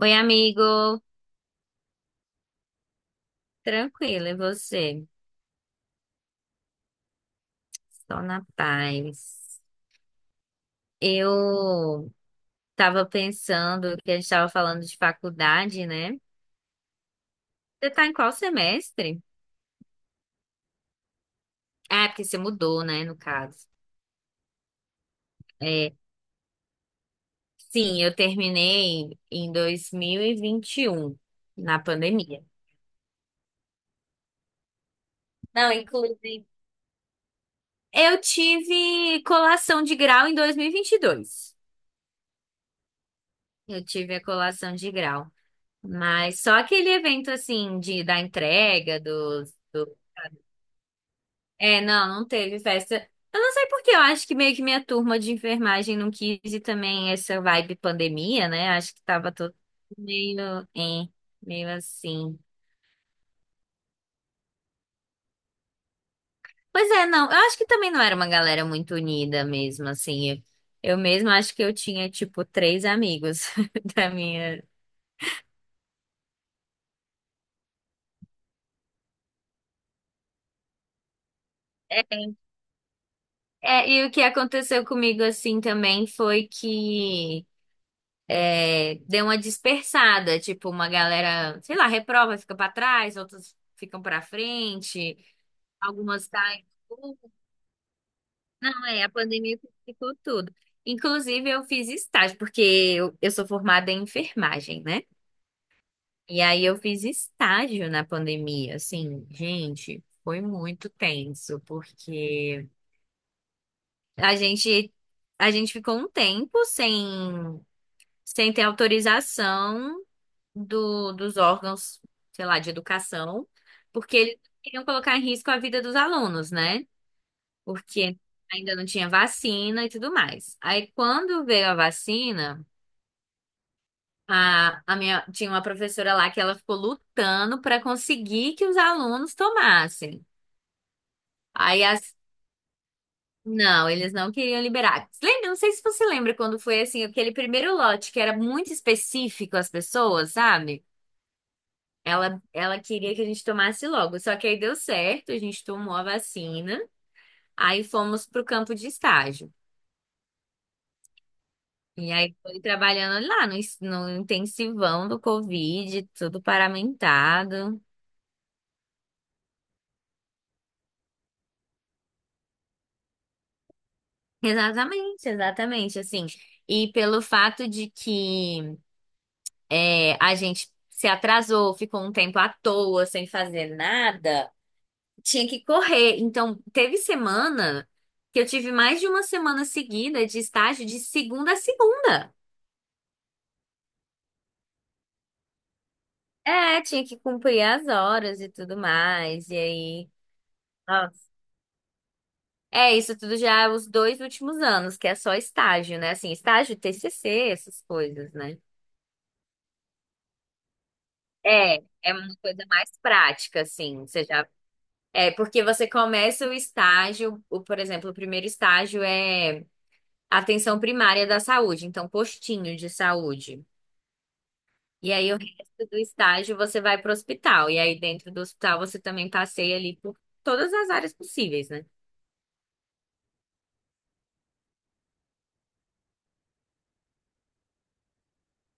Oi, amigo. Tranquilo, e você? Estou na paz. Eu estava pensando que a gente estava falando de faculdade, né? Você está em qual semestre? Ah, porque você mudou, né, no caso. É, sim, eu terminei em dois mil e vinte e um na pandemia. Não, inclusive, eu tive colação de grau em dois mil e vinte e dois. Eu tive a colação de grau. Mas só aquele evento assim de da entrega dos do. É, não, não teve festa. Eu não sei porque eu acho que meio que minha turma de enfermagem não quis e também essa vibe pandemia, né? Acho que tava todo meio, hein, meio assim. Pois é, não, eu acho que também não era uma galera muito unida mesmo, assim. Eu mesma acho que eu tinha tipo três amigos da minha. É, é, e o que aconteceu comigo assim também foi que deu uma dispersada, tipo, uma galera, sei lá, reprova, fica pra trás, outros ficam pra frente, algumas caem. É, a pandemia ficou tudo. Inclusive, eu fiz estágio, porque eu sou formada em enfermagem, né? E aí eu fiz estágio na pandemia, assim, gente, foi muito tenso, porque a gente a gente ficou um tempo sem ter autorização dos órgãos, sei lá, de educação, porque eles não queriam colocar em risco a vida dos alunos, né? Porque ainda não tinha vacina e tudo mais. Aí, quando veio a vacina, a minha, tinha uma professora lá que ela ficou lutando para conseguir que os alunos tomassem. Aí, não, eles não queriam liberar. Lembra, não sei se você lembra quando foi assim, aquele primeiro lote que era muito específico às pessoas, sabe? Ela queria que a gente tomasse logo, só que aí deu certo, a gente tomou a vacina, aí fomos pro campo de estágio. E aí foi trabalhando lá no intensivão do Covid, tudo paramentado. Exatamente, exatamente, assim. E pelo fato de que a gente se atrasou, ficou um tempo à toa, sem fazer nada, tinha que correr. Então, teve semana que eu tive mais de uma semana seguida de estágio de segunda a segunda. É, tinha que cumprir as horas e tudo mais. E aí. Nossa. É, isso tudo já é os 2 últimos anos, que é só estágio, né? Assim, estágio, TCC, essas coisas, né? É, é uma coisa mais prática, assim. Você já. É, porque você começa o estágio, o, por exemplo, o primeiro estágio é atenção primária da saúde, então postinho de saúde. E aí o resto do estágio você vai para o hospital. E aí dentro do hospital você também passeia ali por todas as áreas possíveis, né?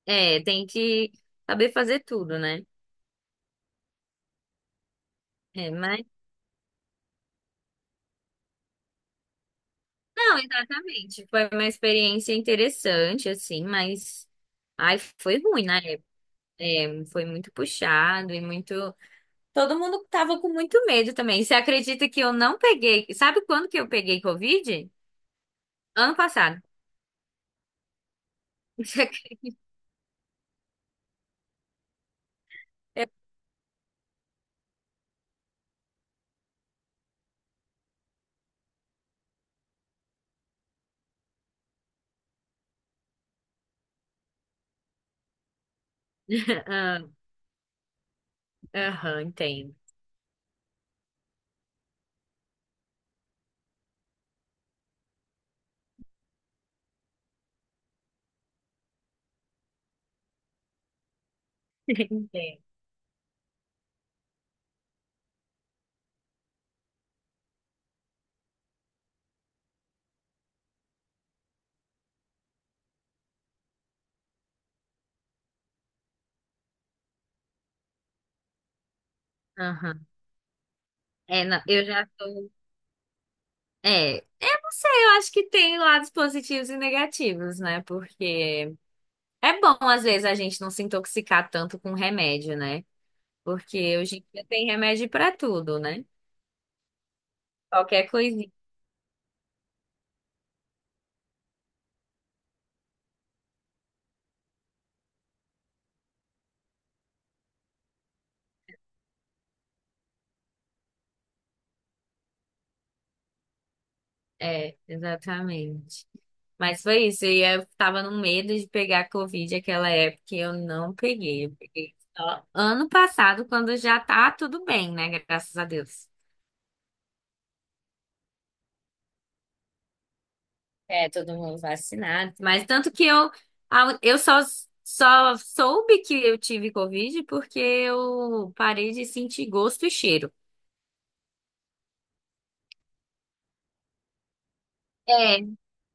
É, tem que saber fazer tudo, né? É, mas não, exatamente. Foi uma experiência interessante, assim, mas ai, foi ruim, né? É, foi muito puxado e muito. Todo mundo tava com muito medo também. Você acredita que eu não peguei? Sabe quando que eu peguei Covid? Ano passado. Eu- Ah, aham, entendo. Entendo. Aham. É, não, eu já tô. É, eu não sei, eu acho que tem lados positivos e negativos, né? Porque é bom, às vezes, a gente não se intoxicar tanto com remédio, né? Porque hoje em dia tem remédio pra tudo, né? Qualquer coisinha. É, exatamente. Mas foi isso. E eu tava no medo de pegar Covid naquela época e eu não peguei. Eu peguei só ano passado, quando já tá tudo bem, né? Graças a Deus. É, todo mundo vacinado. Mas tanto que eu só soube que eu tive Covid porque eu parei de sentir gosto e cheiro. É.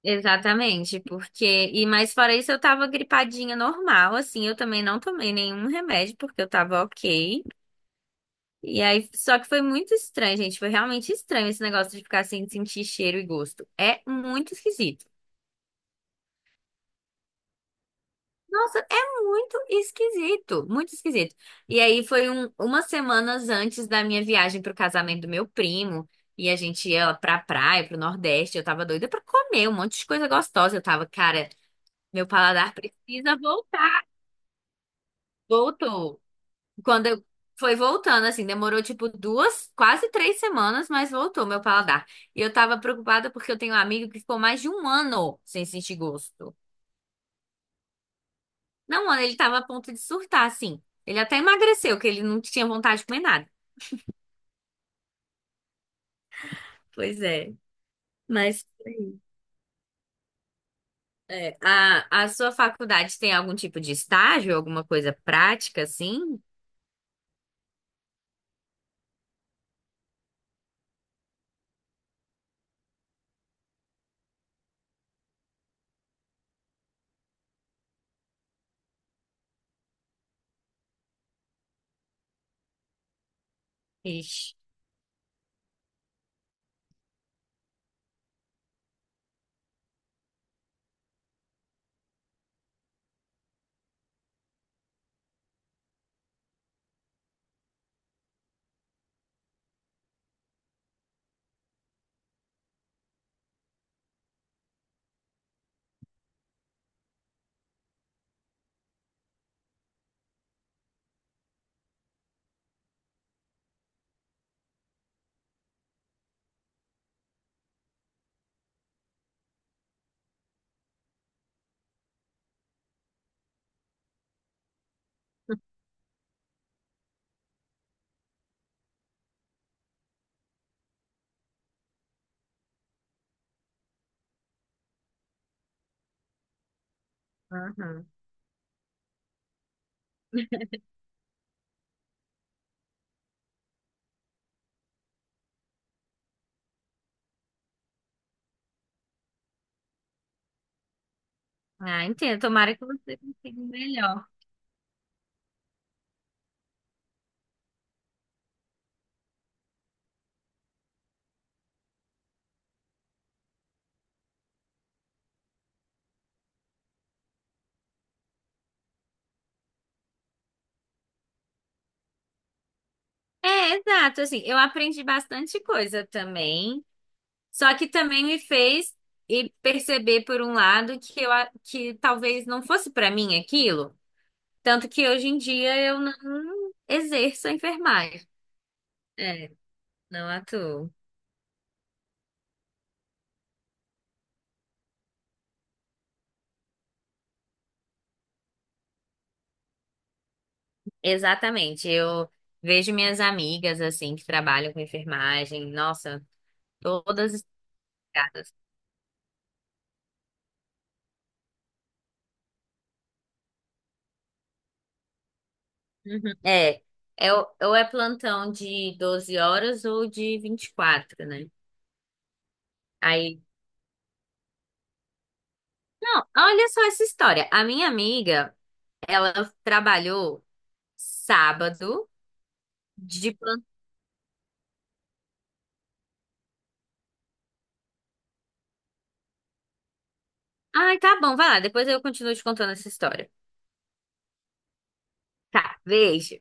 Exatamente, porque. E mais fora isso, eu tava gripadinha normal, assim, eu também não tomei nenhum remédio, porque eu tava ok. E aí, só que foi muito estranho, gente. Foi realmente estranho esse negócio de ficar sem sentir cheiro e gosto. É muito esquisito. Nossa, é muito esquisito, muito esquisito. E aí foi umas semanas antes da minha viagem pro casamento do meu primo. E a gente ia lá pra praia, pro Nordeste. Eu tava doida pra comer um monte de coisa gostosa. Eu tava, cara, meu paladar precisa voltar. Voltou. Quando eu. Foi voltando, assim, demorou tipo 2, quase 3 semanas, mas voltou meu paladar. E eu tava preocupada porque eu tenho um amigo que ficou mais de um ano sem sentir gosto. Não, mano, ele tava a ponto de surtar, assim. Ele até emagreceu, que ele não tinha vontade de comer nada. Pois é. Mas sim. A sua faculdade tem algum tipo de estágio, alguma coisa prática, assim? Ixi. Aham. Ah, entendo. Tomara que você consiga o melhor. É, exato. Assim, eu aprendi bastante coisa também, só que também me fez perceber, por um lado, que talvez não fosse pra mim aquilo, tanto que hoje em dia eu não exerço a enfermagem. É, não atuo. Exatamente. Eu vejo minhas amigas assim que trabalham com enfermagem, nossa, todas estragadas. Uhum. É, é, o ou é plantão de 12 horas ou de 24, né? Aí não, olha só essa história. A minha amiga, ela trabalhou sábado de plantão. Ai, tá bom, vai lá, depois eu continuo te contando essa história. Tá, beijo.